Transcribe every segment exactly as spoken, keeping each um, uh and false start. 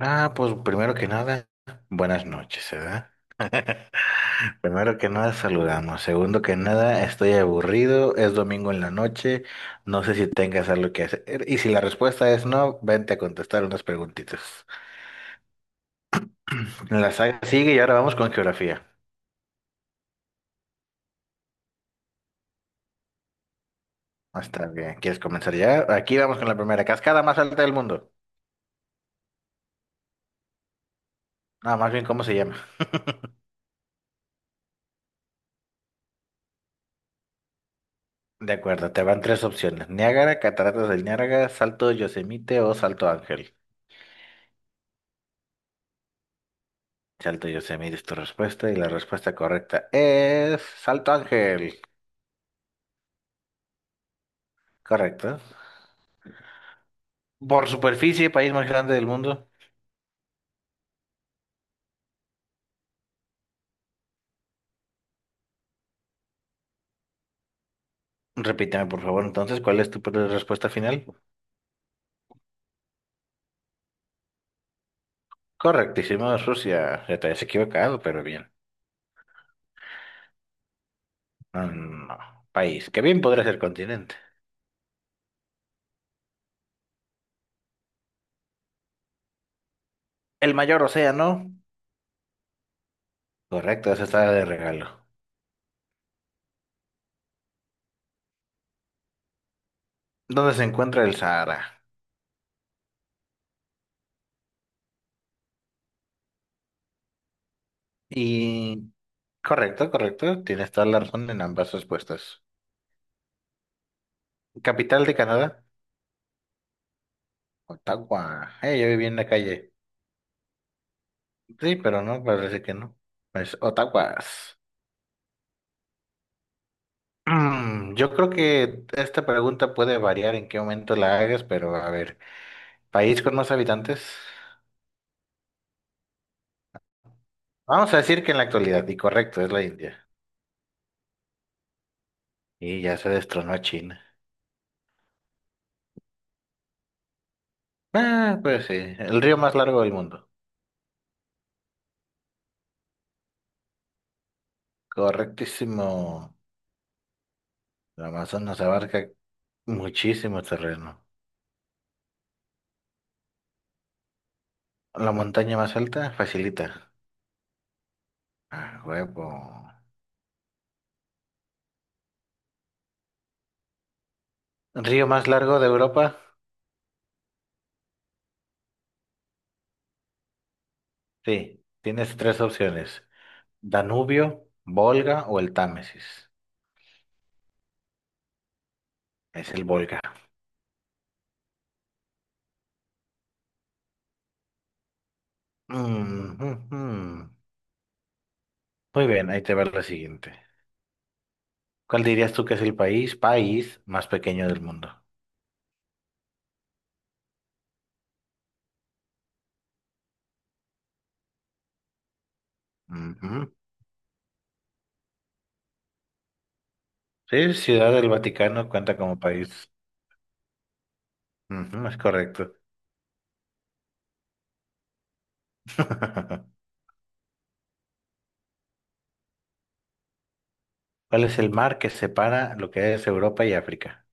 Ah, pues primero que nada, buenas noches, ¿verdad? Primero que nada, saludamos. Segundo que nada, estoy aburrido, es domingo en la noche, no sé si tengas algo que hacer. Y si la respuesta es no, vente a contestar unas preguntitas. La saga sigue y ahora vamos con geografía. Está bien, ¿quieres comenzar ya? Aquí vamos con la primera, cascada más alta del mundo. No, más bien, ¿cómo se llama? De acuerdo, te van tres opciones. Niágara, Cataratas del Niágara, Salto Yosemite o Salto Ángel. Salto Yosemite es tu respuesta y la respuesta correcta es Salto Ángel. Correcto. Por superficie, país más grande del mundo. Repítame por favor, entonces, ¿cuál es tu pre- respuesta final? Correctísimo, Rusia. Ya te habías equivocado, pero bien. No, no, no. País, que bien podría ser continente. El mayor océano. Correcto, esa está de regalo. ¿Dónde se encuentra el Sahara? Y... Correcto, correcto. Tienes toda la razón en ambas respuestas. ¿Capital de Canadá? Otagua. Eh, yo viví en la calle. Sí, pero no, parece que no. Pues Otaguas. Mm, yo creo que esta pregunta puede variar en qué momento la hagas, pero a ver, país con más habitantes. Vamos a decir que en la actualidad, y correcto, es la India. Y ya se destronó a China. Ah, pues sí, el río más largo del mundo. Correctísimo. El Amazonas abarca muchísimo terreno. La montaña más alta facilita. Ah, huevo. Río más largo de Europa. Sí, tienes tres opciones. Danubio, Volga o el Támesis. Es el Volga. Mm, mm, mm. Muy bien, ahí te va la siguiente. ¿Cuál dirías tú que es el país, país más pequeño del mundo? Ujú. Sí, Ciudad del Vaticano cuenta como país. Ujú, es correcto. ¿Cuál es el mar que separa lo que es Europa y África?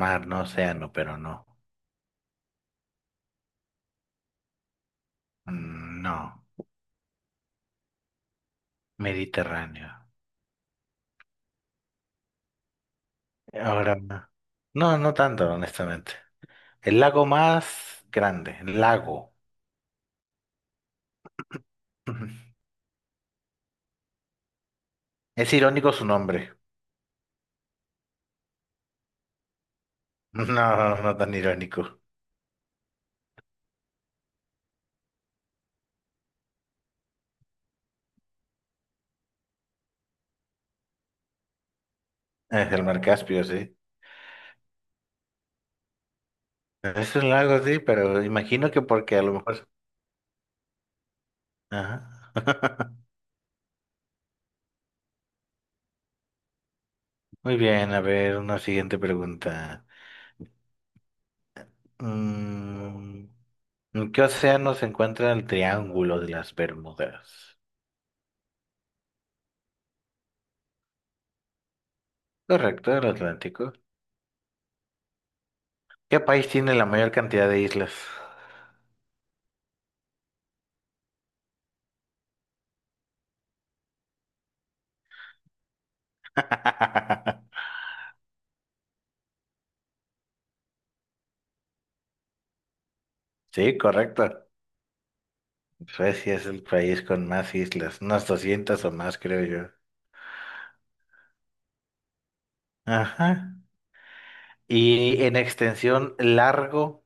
Mar, no océano, pero no. Mm. No, Mediterráneo. Ahora, no, no no tanto, honestamente. El lago más grande, el lago. Ujú. Es irónico su nombre. No, no, no tan irónico. Es el mar Caspio, sí. Es un lago, sí, pero imagino que porque a lo mejor... Ajá. Muy bien, a ver, una siguiente pregunta. Mm, ¿en qué océano se encuentra el Triángulo de las Bermudas? Correcto, el Atlántico. ¿Qué país tiene la mayor cantidad de islas? Sí, correcto. Suecia es el país con más islas, unas doscientas o más, creo yo. Ajá. Y en extensión largo,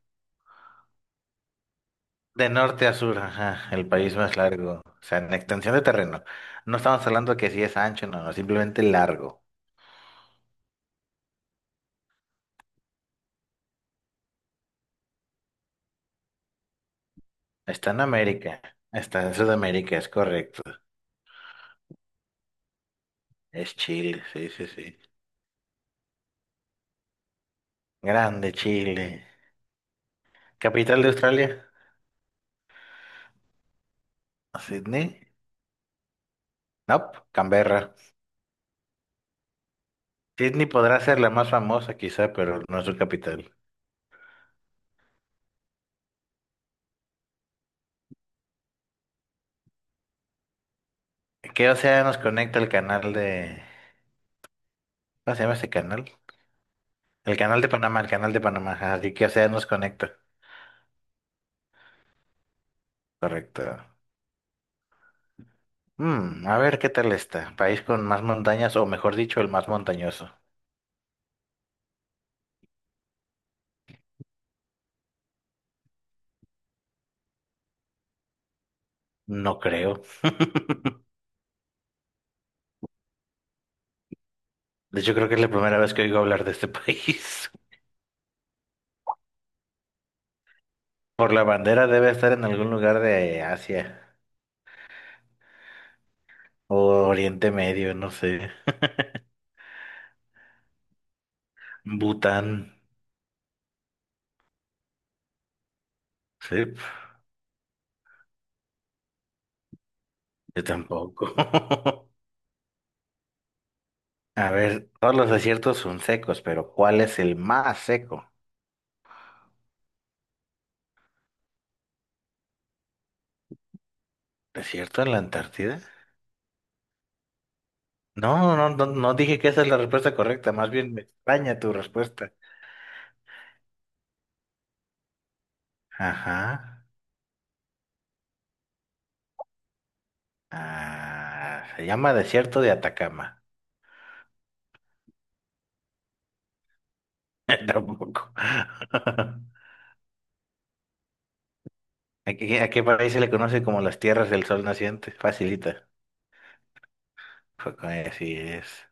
de norte a sur, ajá, el país más largo. O sea, en extensión de terreno. No estamos hablando que si es ancho, no, no, simplemente largo. Está en América, está en Sudamérica, es correcto. Es Chile, sí, sí, sí. Grande Chile. ¿Capital de Australia? ¿Sydney? No, Canberra. Sydney podrá ser la más famosa quizá, pero no es su capital. Que o sea, nos conecta el canal de... ¿Cómo se llama ese canal? El canal de Panamá, el canal de Panamá, ajá. Así que o sea, nos conecta. Correcto. Mm, a ver qué tal está. País con más montañas, o mejor dicho, el más montañoso. No creo. De hecho, creo que es la primera vez que oigo hablar de este país. Por la bandera debe estar en algún lugar de Asia o Oriente Medio, no sé. Bután. Sí, yo tampoco. A ver, todos los desiertos son secos, pero ¿cuál es el más seco? ¿Desierto en la Antártida? No, no, no, no dije que esa es la respuesta correcta, más bien me extraña tu respuesta. Ajá. Ah, se llama Desierto de Atacama. Tampoco. ¿A qué, a qué país se le conoce como las tierras del sol naciente? Facilita. Fue con- Así es.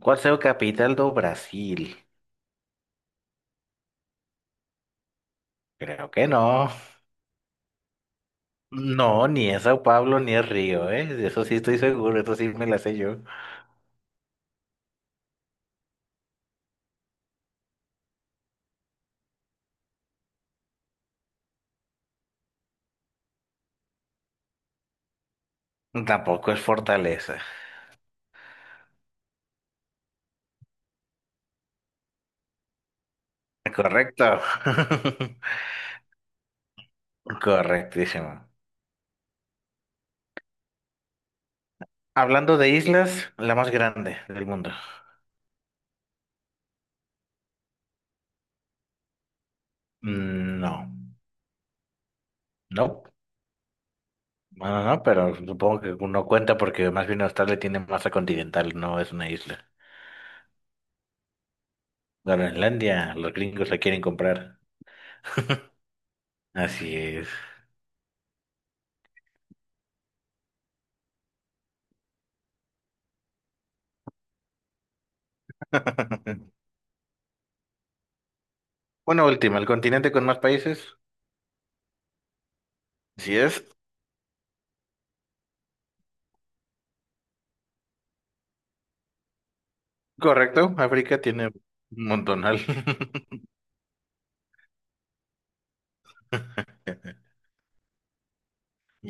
¿Cuál es la capital de Brasil? Creo que no. No, ni es Sao Paulo ni es Río, ¿eh? De eso sí estoy seguro, eso sí me la sé yo. Tampoco es Fortaleza. Correcto. Correctísimo. Hablando de islas, la más grande del mundo. Mm, no, no, no, no, no, pero supongo que no cuenta porque más bien Australia tiene masa continental, no es una isla. Groenlandia, los gringos la quieren comprar. Así es. Bueno, última, el continente con más países. Sí es, correcto, África tiene un montonal.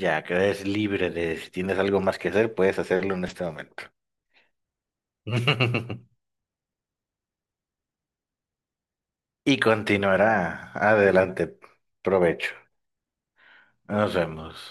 Ya que eres libre de si tienes algo más que hacer, puedes hacerlo en este momento. Y continuará. Adelante. Provecho. Nos vemos.